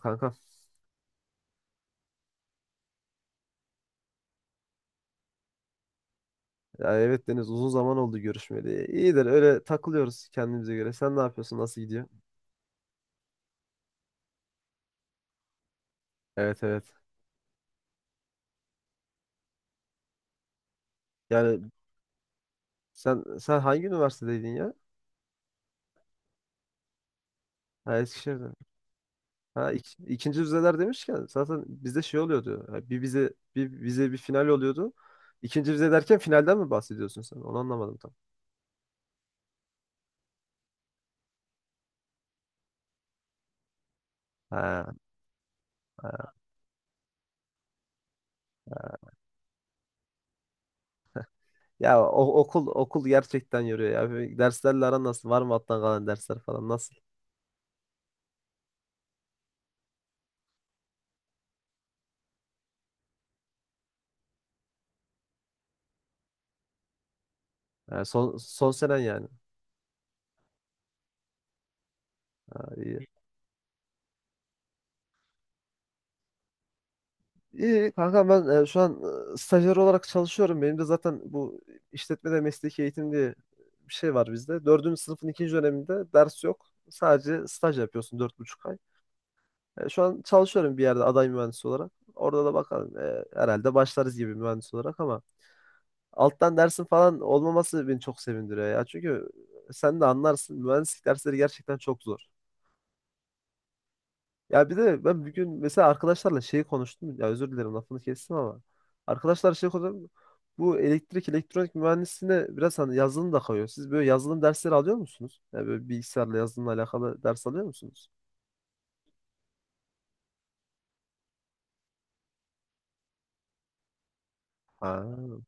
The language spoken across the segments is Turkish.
Kanka. Ya evet Deniz uzun zaman oldu görüşmeli. İyidir, öyle takılıyoruz kendimize göre. Sen ne yapıyorsun? Nasıl gidiyor? Evet, evet. Yani sen hangi üniversitedeydin ya? Ha, Eskişehir'de. Ha, ikinci vizeler demişken zaten bizde şey oluyordu. Ha, bir vize bir final oluyordu. İkinci vize derken finalden mi bahsediyorsun sen? Onu anlamadım tam. Ha, ha. Ya okul okul gerçekten yoruyor ya. Böyle derslerle aran nasıl? Var mı alttan kalan dersler falan, nasıl? Ha, son senen yani. Ha, iyi. İyi kanka, ben şu an stajyer olarak çalışıyorum. Benim de zaten bu işletmede mesleki eğitim diye bir şey var bizde. Dördüncü sınıfın ikinci döneminde ders yok. Sadece staj yapıyorsun, 4,5 ay. Şu an çalışıyorum bir yerde aday mühendis olarak. Orada da bakalım, herhalde başlarız gibi mühendis olarak, ama alttan dersin falan olmaması beni çok sevindiriyor ya. Çünkü sen de anlarsın, mühendislik dersleri gerçekten çok zor. Ya bir de ben bugün mesela arkadaşlarla şeyi konuştum. Ya özür dilerim, lafını kestim ama. Arkadaşlar şey konuştum. Bu elektrik elektronik mühendisliğine biraz hani yazılım da kayıyor. Siz böyle yazılım dersleri alıyor musunuz? Ya böyle bilgisayarla yazılımla alakalı ders alıyor musunuz? Ha,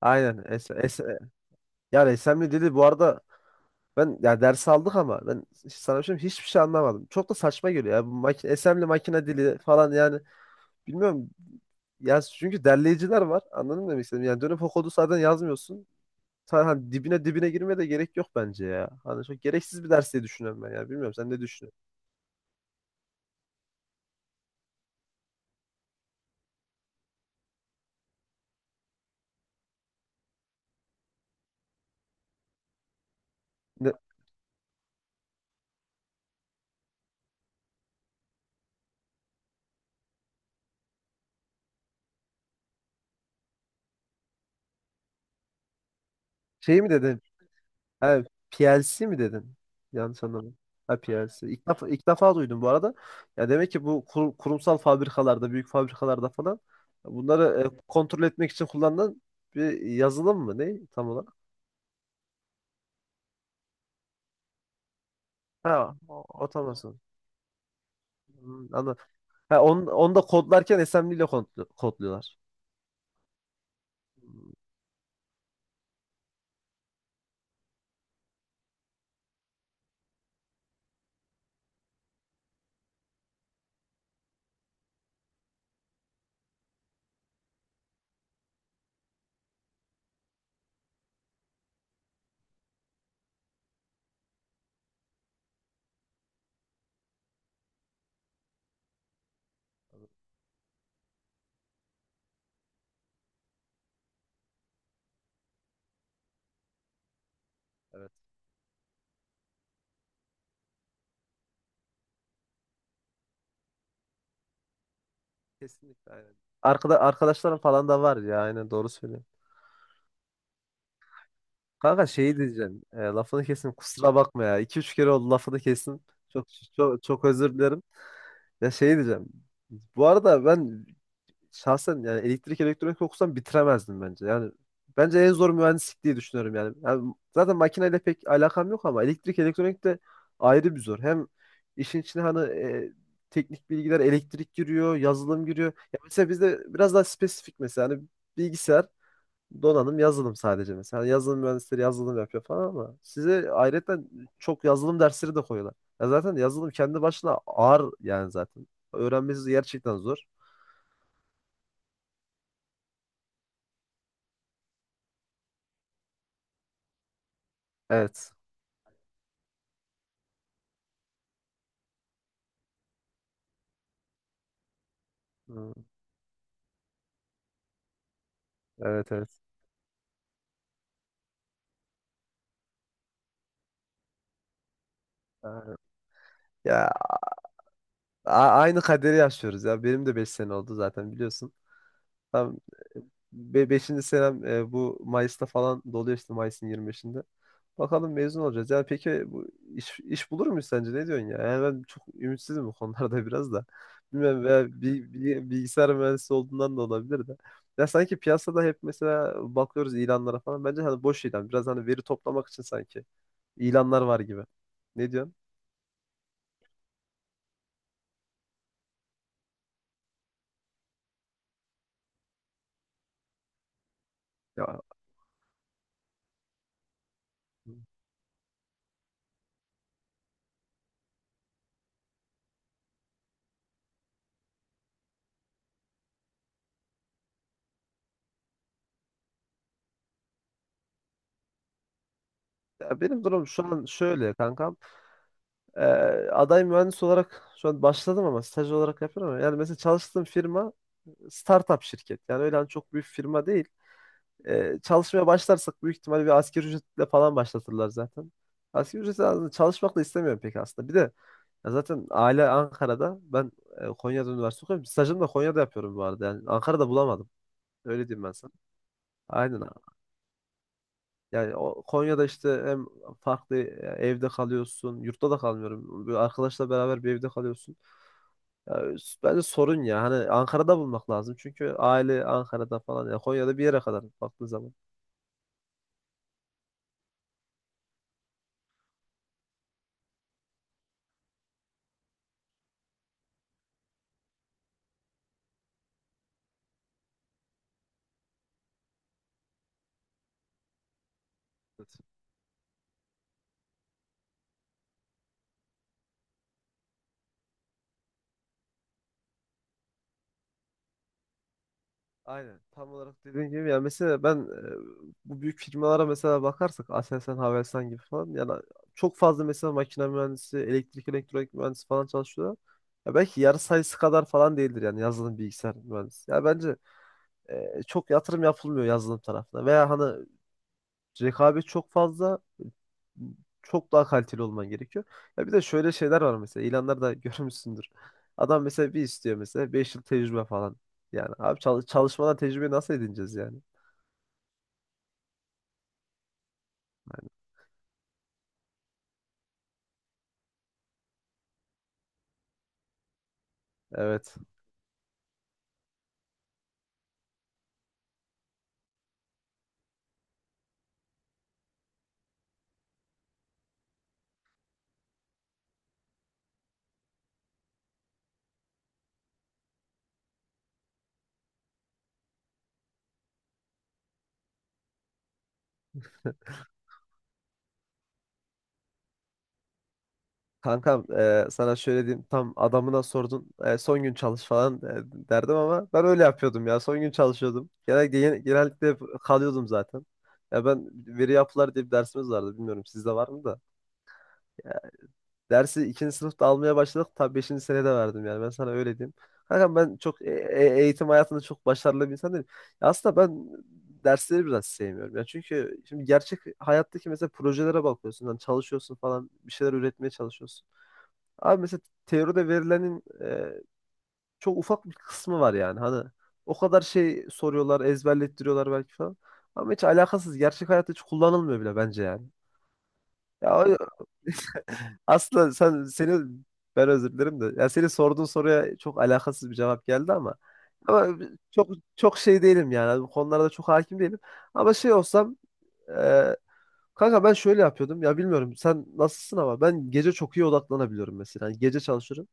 aynen. Es yani, SMD dedi bu arada. Ben ya ders aldık ama ben sana bir şey diyeyim, hiçbir şey anlamadım. Çok da saçma geliyor ya bu makine assembly makine dili falan, yani bilmiyorum. Ya çünkü derleyiciler var. Anladın mı demek istediğimi? Yani dönüp o kodu zaten yazmıyorsun. Sen hani dibine dibine girmeye de gerek yok bence ya. Hani çok gereksiz bir ders diye düşünüyorum ben ya. Bilmiyorum, sen ne düşünüyorsun? Ne, şey mi dedin? Ha, PLC mi dedin? Yanlış anlamadım. Ha, PLC. İlk defa duydum bu arada. Ya demek ki bu kurumsal fabrikalarda, büyük fabrikalarda falan bunları kontrol etmek için kullanılan bir yazılım mı? Ne tam olarak? Ha, otomasyon. Hmm, anladım. Ha, onu da kodlarken assembly ile kodluyorlar. Hmm, evet. Kesinlikle aynen. Arkadaşlarım falan da var ya, aynen doğru söylüyorsun. Kanka şeyi diyeceğim. Lafını kesin, kusura bakma ya. İki üç kere oldu lafını kesin. Çok çok çok özür dilerim. Ya şeyi diyeceğim. Bu arada ben şahsen yani elektrik elektronik okusam bitiremezdim bence. Yani bence en zor mühendislik diye düşünüyorum yani. Yani zaten makineyle pek alakam yok, ama elektrik elektronik de ayrı bir zor. Hem işin içine hani teknik bilgiler, elektrik giriyor, yazılım giriyor. Ya mesela bizde biraz daha spesifik mesela, hani bilgisayar, donanım, yazılım sadece mesela. Hani yazılım mühendisleri yazılım yapıyor falan, ama size ayrıca çok yazılım dersleri de koyuyorlar. Ya zaten yazılım kendi başına ağır yani zaten. Öğrenmesi gerçekten zor. Evet. Evet, evet. Aynen. Ya aynı kaderi yaşıyoruz ya. Benim de 5 sene oldu zaten, biliyorsun. Tam 5. senem bu Mayıs'ta falan doluyor, işte Mayıs'ın 25'inde. Bakalım mezun olacağız. Ya peki bu iş bulur muyuz sence? Ne diyorsun ya? Yani ben çok ümitsizim bu konularda biraz da. Bilmem, veya bilgisayar mühendisi olduğundan da olabilir de. Ya sanki piyasada hep mesela bakıyoruz ilanlara falan. Bence hani boş ilan. Biraz hani veri toplamak için sanki ilanlar var gibi. Ne diyorsun? Ya. Hı. Ya benim durum şu an şöyle kankam. Ee, Aday mühendis olarak şu an başladım, ama staj olarak yapıyorum. Ama yani mesela çalıştığım firma startup şirket. Yani öyle hani çok büyük firma değil. Çalışmaya başlarsak büyük ihtimalle bir asgari ücretle falan başlatırlar zaten. Asgari ücretle aslında çalışmak da istemiyorum pek aslında. Bir de. Ya zaten aile Ankara'da. Ben Konya'da üniversite okuyorum. Stajımı da Konya'da yapıyorum bu arada. Yani Ankara'da bulamadım. Öyle diyeyim ben sana. Aynen, abi. Yani o Konya'da işte hem farklı evde kalıyorsun. Yurtta da kalmıyorum. Bir arkadaşla beraber bir evde kalıyorsun. Ya, bence sorun ya. Hani Ankara'da bulmak lazım. Çünkü aile Ankara'da falan. Ya Konya'da bir yere kadar baktığın zaman. Aynen. Tam olarak dediğin gibi yani, mesela ben bu büyük firmalara mesela bakarsak, Aselsan, Havelsan gibi falan, yani çok fazla mesela makine mühendisi, elektrik elektronik mühendisi falan çalışıyorlar. Ya belki yarı sayısı kadar falan değildir yani yazılım bilgisayar mühendisi. Ya bence çok yatırım yapılmıyor yazılım tarafına, veya hani rekabet çok fazla, çok daha kaliteli olman gerekiyor. Ya bir de şöyle şeyler var mesela ilanlarda görmüşsündür. Adam mesela bir istiyor mesela 5 yıl tecrübe falan. Yani abi çalış çalışmadan tecrübeyi nasıl edineceğiz yani? Yani, evet. Kankam, sana şöyle diyeyim, tam adamına sordun. Son gün çalış falan derdim, ama ben öyle yapıyordum ya, son gün çalışıyordum. Genellikle hep kalıyordum zaten. Ya ben, veri yapılar diye bir dersimiz vardı, bilmiyorum sizde var mı da. Dersi ikinci sınıfta almaya başladık. Tabii beşinci senede verdim yani. Ben sana öyle diyeyim. Kanka ben çok eğitim hayatında çok başarılı bir insan değilim. Ya aslında ben dersleri biraz sevmiyorum. Yani çünkü şimdi gerçek hayattaki mesela projelere bakıyorsun. Hani çalışıyorsun falan. Bir şeyler üretmeye çalışıyorsun. Abi mesela teoride verilenin çok ufak bir kısmı var yani. Hani o kadar şey soruyorlar, ezberlettiriyorlar belki falan. Ama hiç alakasız. Gerçek hayatta hiç kullanılmıyor bile bence yani. Ya aslında seni ben, özür dilerim de. Ya senin sorduğun soruya çok alakasız bir cevap geldi ama çok çok şey değilim yani. Bu konularda çok hakim değilim. Ama şey olsam, e, kanka ben şöyle yapıyordum. Ya bilmiyorum sen nasılsın, ama ben gece çok iyi odaklanabiliyorum mesela. Yani gece çalışırım.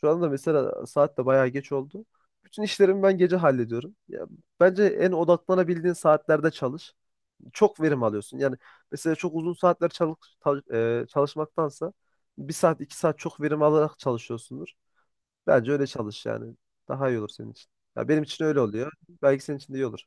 Şu anda mesela saat de bayağı geç oldu. Bütün işlerimi ben gece hallediyorum. Ya, bence en odaklanabildiğin saatlerde çalış, çok verim alıyorsun. Yani mesela çok uzun saatler çalış, çalışmaktansa bir saat iki saat çok verim alarak çalışıyorsundur. Bence öyle çalış yani. Daha iyi olur senin için. Ya benim için öyle oluyor. Belki senin için de iyi olur.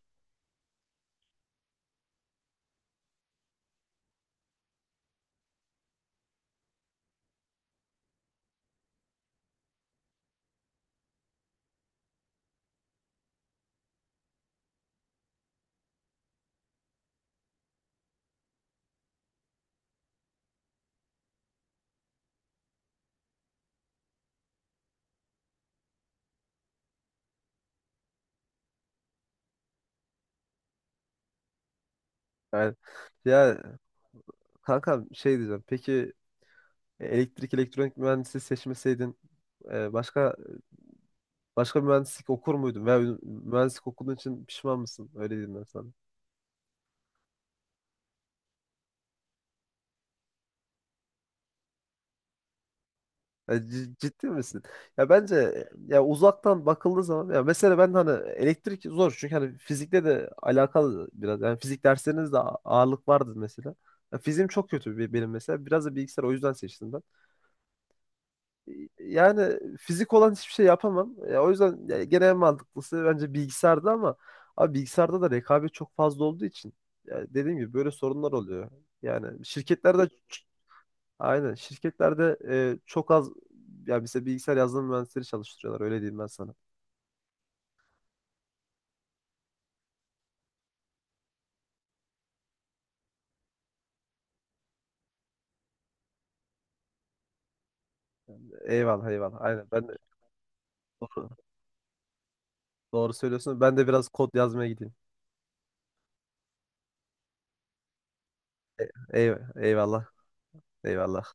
Yani ya kankam, şey diyeceğim. Peki elektrik elektronik mühendisliği seçmeseydin, e, başka başka bir mühendislik okur muydun? Veya mühendislik okuduğun için pişman mısın? Öyle diyeyim ben sana. Ya ciddi misin? Ya bence ya uzaktan bakıldığı zaman, ya mesela ben hani elektrik zor çünkü hani fizikle de alakalı biraz, yani fizik derslerinizde ağırlık vardır mesela. Ya fiziğim çok kötü benim mesela. Biraz da bilgisayar o yüzden seçtim ben. Yani fizik olan hiçbir şey yapamam. Ya o yüzden ya, gene en mantıklısı bence bilgisayarda, ama abi bilgisayarda da rekabet çok fazla olduğu için ya dediğim gibi böyle sorunlar oluyor. Yani şirketlerde. Aynen. Şirketlerde çok az ya bize bilgisayar yazılım mühendisleri çalıştırıyorlar. Öyle diyeyim ben sana. Eyvallah, eyvallah. Aynen. Ben de. Doğru, doğru söylüyorsun. Ben de biraz kod yazmaya gideyim. E, eyvallah. Eyvallah.